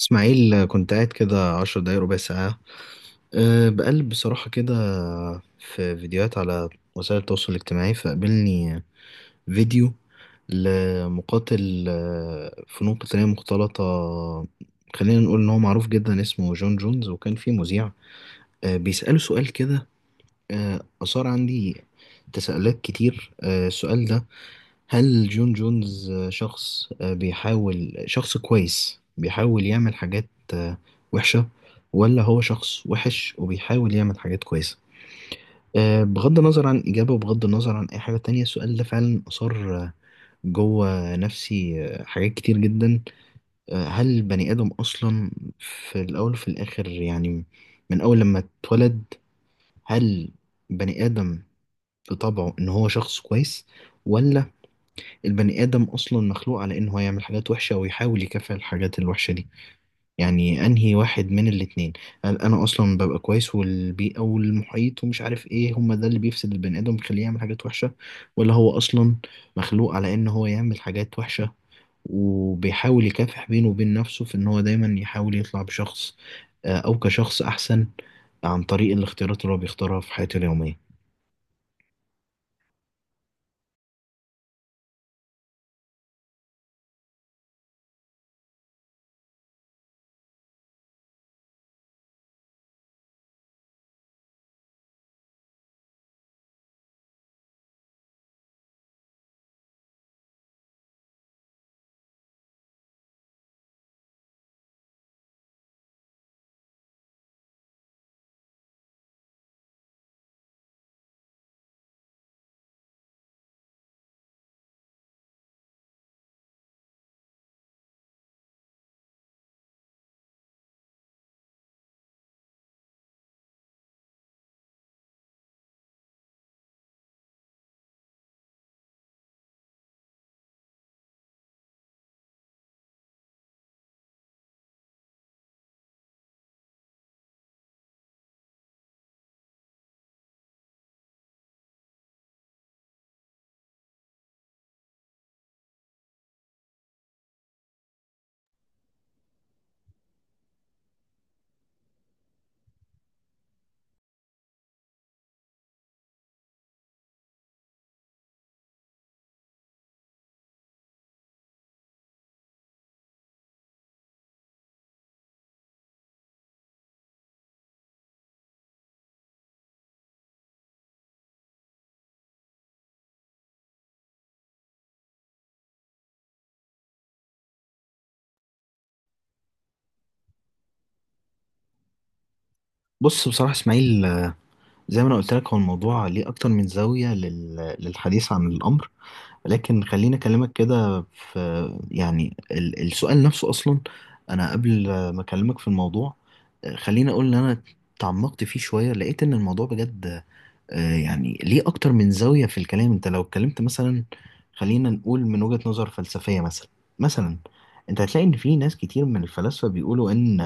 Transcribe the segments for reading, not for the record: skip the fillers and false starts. اسماعيل، كنت قاعد كده 10 دقايق ربع ساعة. بقلب بصراحة كده في فيديوهات على وسائل التواصل الاجتماعي، فقابلني فيديو لمقاتل، فنون قتالية مختلطة. خلينا نقول إن هو معروف جدا، اسمه جون جونز، وكان فيه مذيع بيسأله سؤال كده. أثار عندي تساؤلات كتير. السؤال ده: هل جون جونز شخص، بيحاول، شخص كويس بيحاول يعمل حاجات آه، وحشة، ولا هو شخص وحش وبيحاول يعمل حاجات كويسة؟ بغض النظر عن إجابة وبغض النظر عن أي حاجة تانية، السؤال ده فعلا أثار جوه نفسي حاجات كتير جدا. هل البني آدم أصلا في الأول وفي الآخر، يعني من أول لما اتولد، هل بني آدم لطبعه ان هو شخص كويس، ولا البني ادم اصلا مخلوق على ان هو يعمل حاجات وحشه ويحاول يكافئ الحاجات الوحشه دي؟ يعني انهي واحد من الاتنين؟ هل انا اصلا ببقى كويس والبيئه والمحيط ومش عارف ايه هما ده اللي بيفسد البني ادم، بيخليه يعمل حاجات وحشه، ولا هو اصلا مخلوق على ان هو يعمل حاجات وحشه وبيحاول يكافح بينه وبين نفسه في ان هو دايما يحاول يطلع بشخص، او كشخص احسن، عن طريق الاختيارات اللي هو بيختارها في حياته اليوميه؟ بص بصراحه اسماعيل، زي ما انا قلت لك، هو الموضوع ليه اكتر من زاوية للحديث عن الامر. لكن خليني اكلمك كده في، يعني، السؤال نفسه اصلا، انا قبل ما اكلمك في الموضوع خليني اقول ان انا تعمقت فيه شوية، لقيت ان الموضوع بجد يعني ليه اكتر من زاوية في الكلام. انت لو اتكلمت مثلا، خلينا نقول من وجهة نظر فلسفية مثلا، مثلا انت هتلاقي ان في ناس كتير من الفلاسفة بيقولوا ان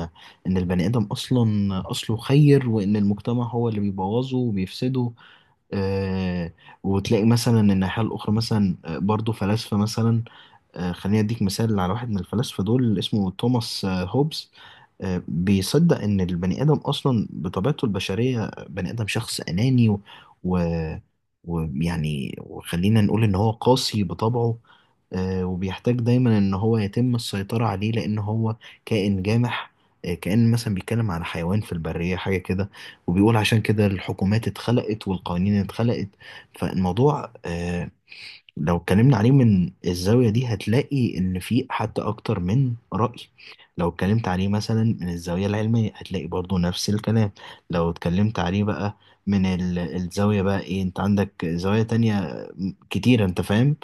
البني ادم اصلا اصله خير، وان المجتمع هو اللي بيبوظه وبيفسده. آه وتلاقي مثلا ان الناحية الاخرى مثلا برضو فلاسفة مثلا. خليني اديك مثال على واحد من الفلاسفة دول، اسمه توماس هوبز. بيصدق ان البني ادم اصلا بطبيعته البشريه، بني ادم شخص اناني و... ويعني، وخلينا نقول ان هو قاسي بطبعه. وبيحتاج دايما ان هو يتم السيطره عليه لان هو كائن جامح. كأن مثلا بيتكلم على حيوان في البرية حاجة كده. وبيقول عشان كده الحكومات اتخلقت والقوانين اتخلقت. فالموضوع، لو اتكلمنا عليه من الزاوية دي هتلاقي إن في حتى أكتر من رأي. لو اتكلمت عليه مثلا من الزاوية العلمية هتلاقي برضو نفس الكلام. لو اتكلمت عليه بقى من الزاوية، بقى إيه؟ أنت عندك زوايا تانية كتيرة، أنت فاهم.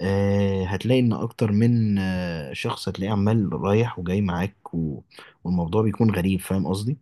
هتلاقي إن أكتر من شخص هتلاقيه عمال رايح وجاي معاك، والموضوع بيكون غريب، فاهم قصدي؟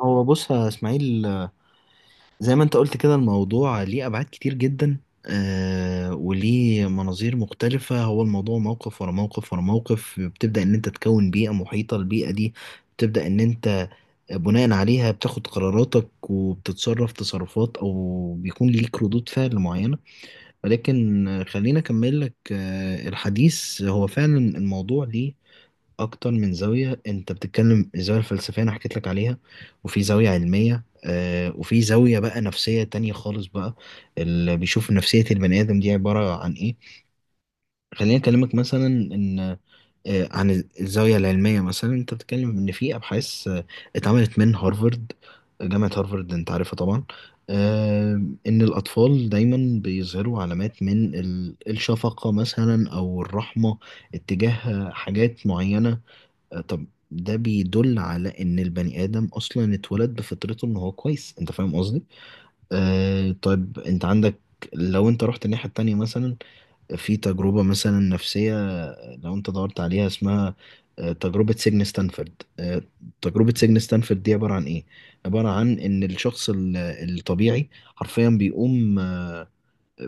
هو بص يا إسماعيل، زي ما انت قلت كده، الموضوع ليه ابعاد كتير جدا. وليه مناظير مختلفة. هو الموضوع موقف ورا موقف ورا موقف، بتبدأ ان انت تكون بيئة محيطة، البيئة دي بتبدأ ان انت بناء عليها بتاخد قراراتك وبتتصرف تصرفات، او بيكون ليك ردود فعل معينة. ولكن، خليني اكمل لك الحديث. هو فعلا الموضوع ليه اكتر من زاويه. انت بتتكلم، الزاويه الفلسفيه انا حكيت لك عليها، وفي زاويه علميه، وفي زاويه بقى نفسيه تانية خالص، بقى اللي بيشوف نفسيه البني ادم دي عباره عن ايه. خليني اكلمك مثلا ان، عن الزاوية العلمية مثلا، انت بتتكلم ان في ابحاث اتعملت من هارفارد، جامعة هارفارد انت عارفها طبعا. آه، ان الاطفال دايما بيظهروا علامات من الشفقة مثلا او الرحمة اتجاه حاجات معينة. طب ده بيدل على ان البني ادم اصلا اتولد بفطرته ان هو كويس، انت فاهم قصدي. طيب انت عندك، لو انت رحت الناحية التانية مثلا، في تجربة مثلا نفسية، لو انت دورت عليها، اسمها تجربة سجن ستانفورد. تجربة سجن ستانفورد دي عبارة عن ايه؟ عبارة عن ان الشخص الطبيعي حرفيا بيقوم،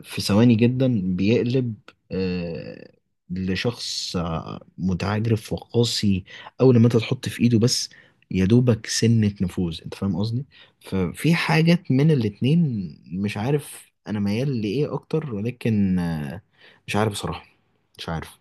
في ثواني جدا بيقلب آه، لشخص متعجرف وقاسي، اول ما انت تحط في ايده بس يا دوبك سنة نفوذ، انت فاهم قصدي. ففي حاجات من الاتنين، مش عارف انا ميال لايه اكتر، ولكن مش عارف بصراحة، مش عارف.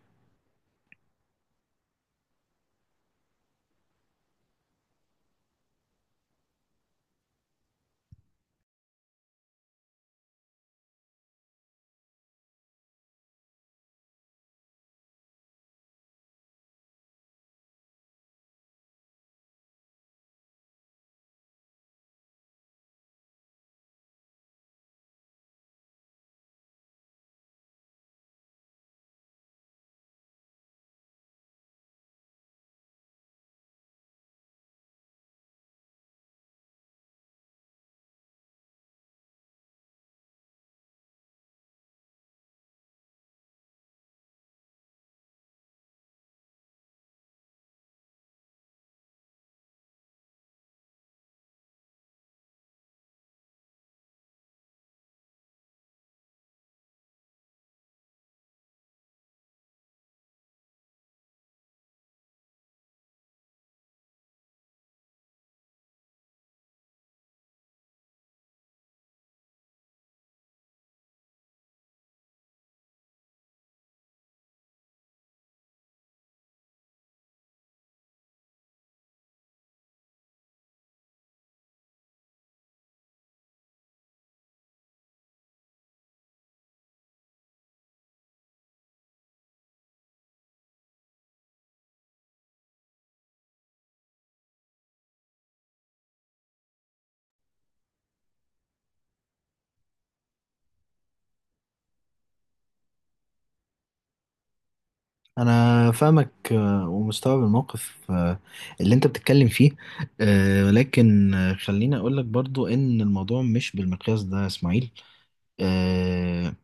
انا فاهمك، ومستوعب الموقف اللي انت بتتكلم فيه. ولكن، خليني اقولك برضو ان الموضوع مش بالمقياس ده يا اسماعيل. آه،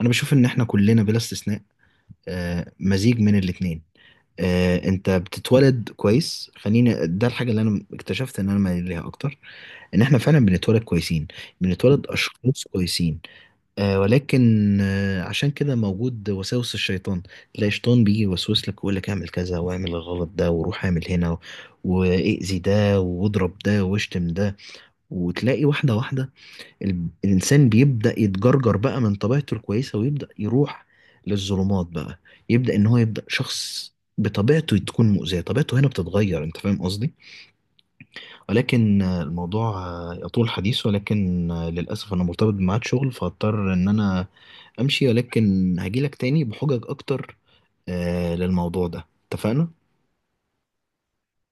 انا بشوف ان احنا كلنا بلا استثناء مزيج من الاتنين. انت بتتولد كويس، خليني، ده الحاجه اللي انا اكتشفت ان انا مايل ليها اكتر، ان احنا فعلا بنتولد كويسين، بنتولد اشخاص كويسين. ولكن عشان كده موجود وساوس الشيطان، تلاقي شيطان بيجي يوسوس لك ويقول لك اعمل كذا واعمل الغلط ده وروح اعمل هنا، واذي ده واضرب ده واشتم ده. وتلاقي واحده واحده الإنسان بيبدأ يتجرجر بقى من طبيعته الكويسة، ويبدأ يروح للظلمات بقى، يبدأ إن هو يبدأ شخص بطبيعته تكون مؤذية، طبيعته هنا بتتغير، أنت فاهم قصدي. ولكن، الموضوع يطول حديث، ولكن للأسف أنا مرتبط بميعاد شغل فاضطر إن أنا أمشي، ولكن هجيلك تاني بحجج أكتر للموضوع ده، اتفقنا؟